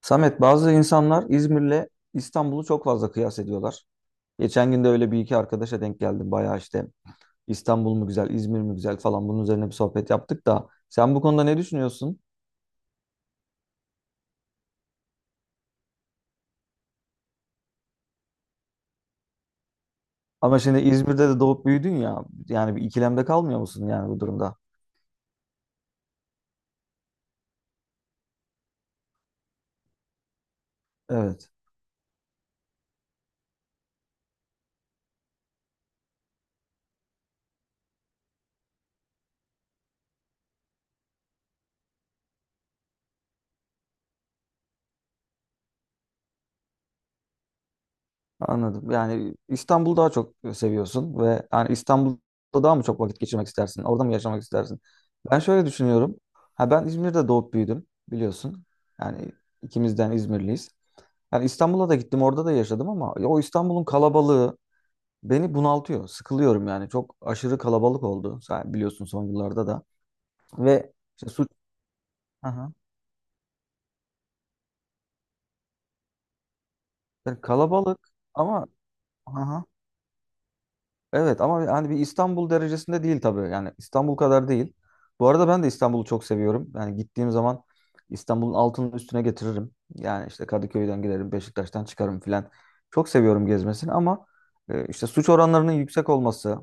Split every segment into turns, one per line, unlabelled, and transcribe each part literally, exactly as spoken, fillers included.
Samet, bazı insanlar İzmir'le İstanbul'u çok fazla kıyas ediyorlar. Geçen gün de öyle bir iki arkadaşa denk geldim. Bayağı işte İstanbul mu güzel, İzmir mi güzel falan bunun üzerine bir sohbet yaptık da sen bu konuda ne düşünüyorsun? Ama şimdi İzmir'de de doğup büyüdün ya. Yani bir ikilemde kalmıyor musun yani bu durumda? Evet, anladım. Yani İstanbul'u daha çok seviyorsun ve yani İstanbul'da daha mı çok vakit geçirmek istersin? Orada mı yaşamak istersin? Ben şöyle düşünüyorum. Ha ben İzmir'de doğup büyüdüm biliyorsun. Yani ikimizden İzmirliyiz. Yani İstanbul'a da gittim, orada da yaşadım ama ya o İstanbul'un kalabalığı beni bunaltıyor. Sıkılıyorum yani. Çok aşırı kalabalık oldu. Sen biliyorsun son yıllarda da. Ve işte suç. Hı hı. Yani kalabalık ama hı hı. Evet ama hani bir İstanbul derecesinde değil tabii. Yani İstanbul kadar değil. Bu arada ben de İstanbul'u çok seviyorum. Yani gittiğim zaman İstanbul'un altının üstüne getiririm. Yani işte Kadıköy'den giderim, Beşiktaş'tan çıkarım filan. Çok seviyorum gezmesini ama e, işte suç oranlarının yüksek olması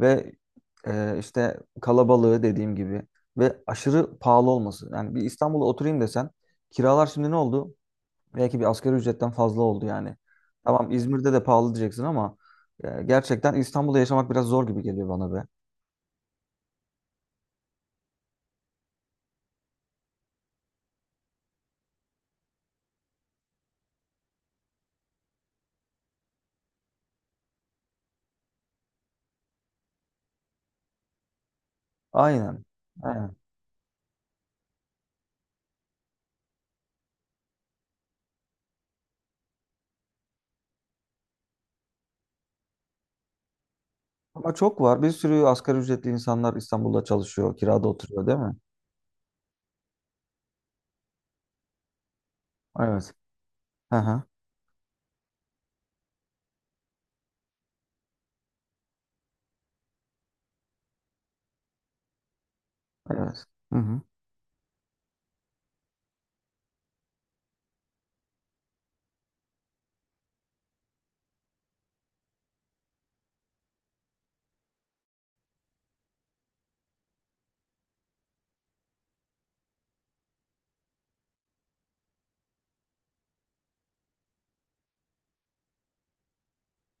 ve e, işte kalabalığı dediğim gibi ve aşırı pahalı olması. Yani bir İstanbul'a oturayım desen kiralar şimdi ne oldu? Belki bir asgari ücretten fazla oldu yani. Tamam İzmir'de de pahalı diyeceksin ama e, gerçekten İstanbul'da yaşamak biraz zor gibi geliyor bana be. Aynen. Aynen. Ama çok var. Bir sürü asgari ücretli insanlar İstanbul'da çalışıyor, kirada oturuyor değil mi? Evet. Hı hı. Evet. Hı hı.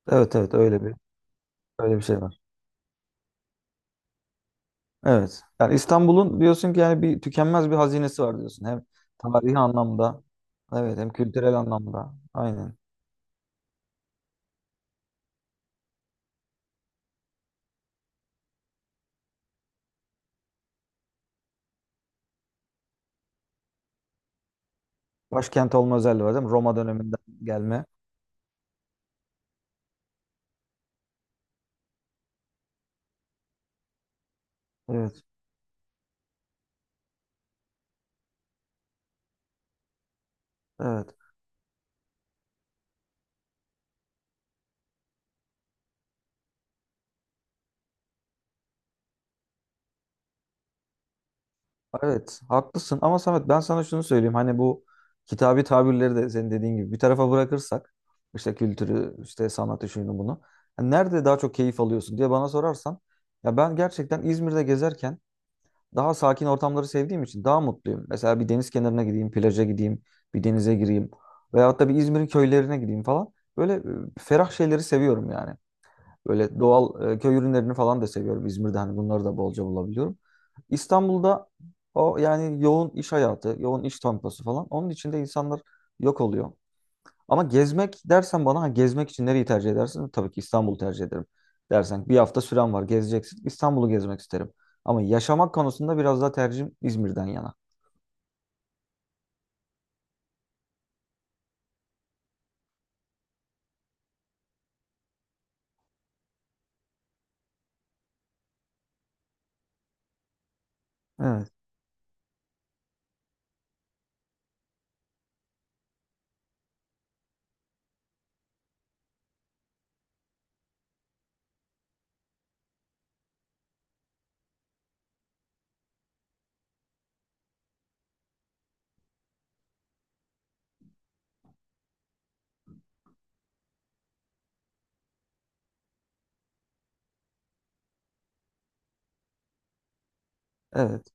Evet evet öyle bir öyle bir şey var. Evet. Yani İstanbul'un diyorsun ki yani bir tükenmez bir hazinesi var diyorsun. Hem tarihi anlamda, evet hem kültürel anlamda. Aynen. Başkent olma özelliği var değil mi? Roma döneminden gelme. Evet. Evet. Evet. Haklısın ama Samet ben sana şunu söyleyeyim. Hani bu kitabi tabirleri de senin dediğin gibi bir tarafa bırakırsak işte kültürü, işte sanatı, şunu bunu. Hani nerede daha çok keyif alıyorsun diye bana sorarsan ya ben gerçekten İzmir'de gezerken daha sakin ortamları sevdiğim için daha mutluyum. Mesela bir deniz kenarına gideyim, plaja gideyim, bir denize gireyim. Veyahut da bir İzmir'in köylerine gideyim falan. Böyle e, ferah şeyleri seviyorum yani. Böyle doğal e, köy ürünlerini falan da seviyorum. İzmir'de hani bunları da bolca bulabiliyorum. İstanbul'da o yani yoğun iş hayatı, yoğun iş temposu falan. Onun içinde insanlar yok oluyor. Ama gezmek dersen bana ha, gezmek için nereyi tercih edersin? Tabii ki İstanbul'u tercih ederim. Dersen bir hafta süren var gezeceksin. İstanbul'u gezmek isterim. Ama yaşamak konusunda biraz daha tercihim İzmir'den yana. Evet, evet.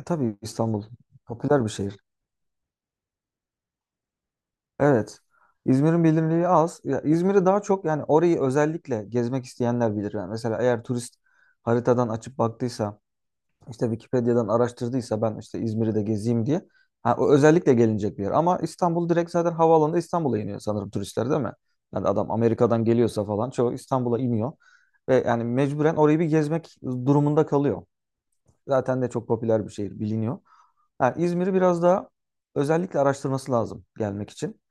E, tabii İstanbul popüler bir şehir. Evet. İzmir'in bilinirliği az. Ya İzmir'i daha çok yani orayı özellikle gezmek isteyenler bilir. Yani mesela eğer turist haritadan açıp baktıysa, işte Wikipedia'dan araştırdıysa ben işte İzmir'i de gezeyim diye. Ha, o özellikle gelinecek bir yer. Ama İstanbul direkt zaten havaalanında İstanbul'a iniyor sanırım turistler değil mi? Yani adam Amerika'dan geliyorsa falan çoğu İstanbul'a iniyor. Ve yani mecburen orayı bir gezmek durumunda kalıyor. Zaten de çok popüler bir şehir biliniyor. Yani İzmir'i biraz daha özellikle araştırması lazım gelmek için.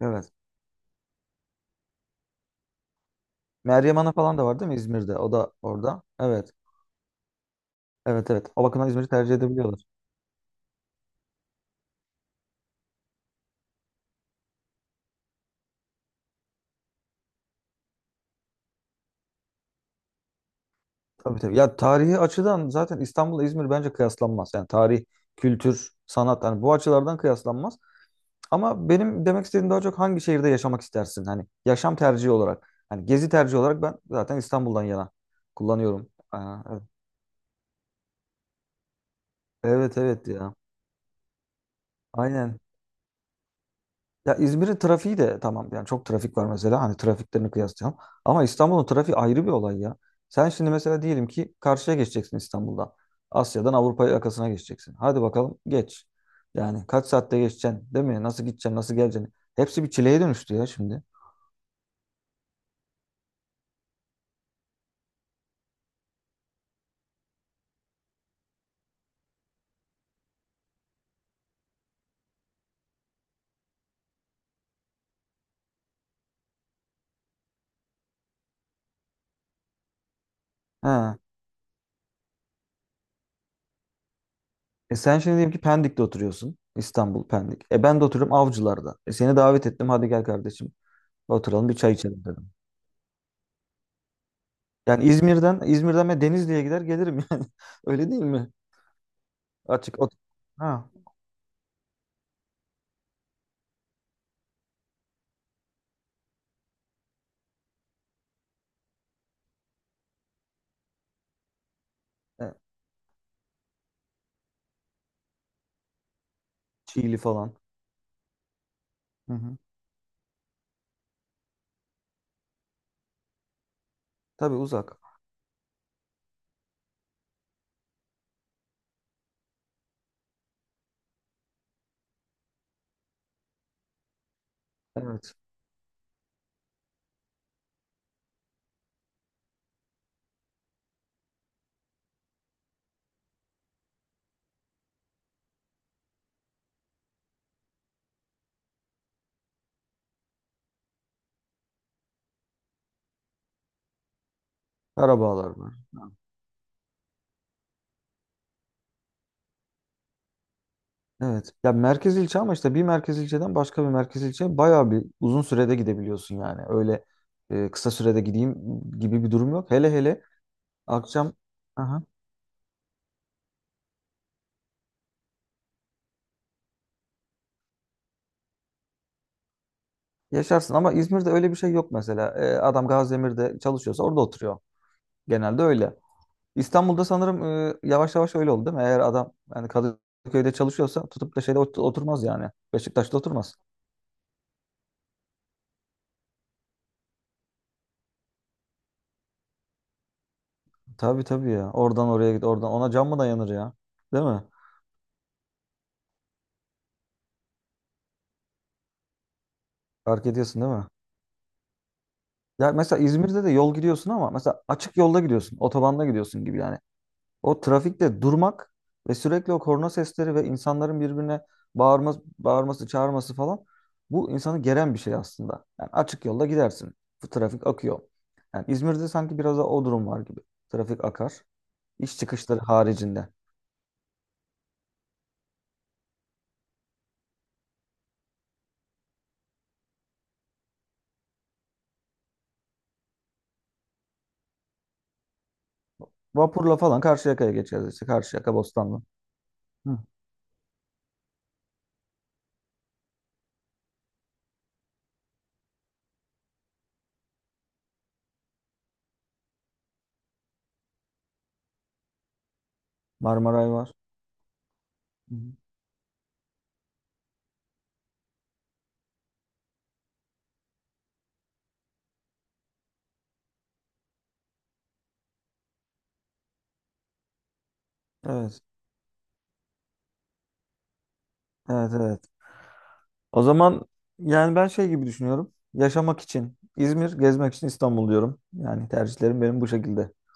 Evet. Meryem Ana falan da var değil mi İzmir'de? O da orada. Evet. Evet evet. O bakımdan İzmir'i tercih edebiliyorlar. Tabii tabii. Ya tarihi açıdan zaten İstanbul'la İzmir bence kıyaslanmaz. Yani tarih, kültür, sanat yani bu açılardan kıyaslanmaz. Ama benim demek istediğim daha çok hangi şehirde yaşamak istersin? Hani yaşam tercihi olarak. Hani gezi tercihi olarak ben zaten İstanbul'dan yana kullanıyorum. Aa, evet evet evet ya. Aynen. Ya İzmir'in trafiği de tamam yani çok trafik var mesela hani trafiklerini kıyaslayalım. Ama İstanbul'un trafiği ayrı bir olay ya. Sen şimdi mesela diyelim ki karşıya geçeceksin İstanbul'dan. Asya'dan Avrupa yakasına geçeceksin. Hadi bakalım geç. Yani kaç saatte geçeceksin değil mi? Nasıl gideceksin nasıl geleceksin? Hepsi bir çileye dönüştü ya şimdi. He. E sen şimdi diyelim ki Pendik'te oturuyorsun. İstanbul, Pendik. E ben de oturuyorum Avcılar'da. E seni davet ettim. Hadi gel kardeşim. Oturalım bir çay içelim dedim. Yani İzmir'den İzmir'den ben Denizli'ye gider gelirim yani. Öyle değil mi? Açık ot. Ha. E, Çiğli falan. Hı hı. Tabii uzak. Evet. Karabağlar var. Ha. Evet. Ya merkez ilçe ama işte bir merkez ilçeden başka bir merkez ilçe bayağı bir uzun sürede gidebiliyorsun yani. Öyle e, kısa sürede gideyim gibi bir durum yok. Hele hele akşam. Yaşarsın ama İzmir'de öyle bir şey yok mesela. Ee, adam Gaziemir'de çalışıyorsa orada oturuyor. Genelde öyle. İstanbul'da sanırım e, yavaş yavaş öyle oldu değil mi? Eğer adam yani Kadıköy'de çalışıyorsa tutup da şeyde ot- oturmaz yani. Beşiktaş'ta oturmaz. Tabii tabii ya. Oradan oraya git oradan. Ona can mı dayanır ya? Değil mi? Fark ediyorsun değil mi? Ya mesela İzmir'de de yol gidiyorsun ama mesela açık yolda gidiyorsun. Otobanda gidiyorsun gibi yani. O trafikte durmak ve sürekli o korna sesleri ve insanların birbirine bağırması, bağırması, çağırması falan bu insanı geren bir şey aslında. Yani açık yolda gidersin. Bu trafik akıyor. Yani İzmir'de sanki biraz da o durum var gibi. Trafik akar. İş çıkışları haricinde. Vapurla falan Karşıyaka'ya geçeriz işte. Karşıyaka, Bostanlı. Hı. Marmaray var. Hı hı. Evet. Evet, evet. O zaman yani ben şey gibi düşünüyorum. Yaşamak için İzmir, gezmek için İstanbul diyorum. Yani tercihlerim benim bu şekilde.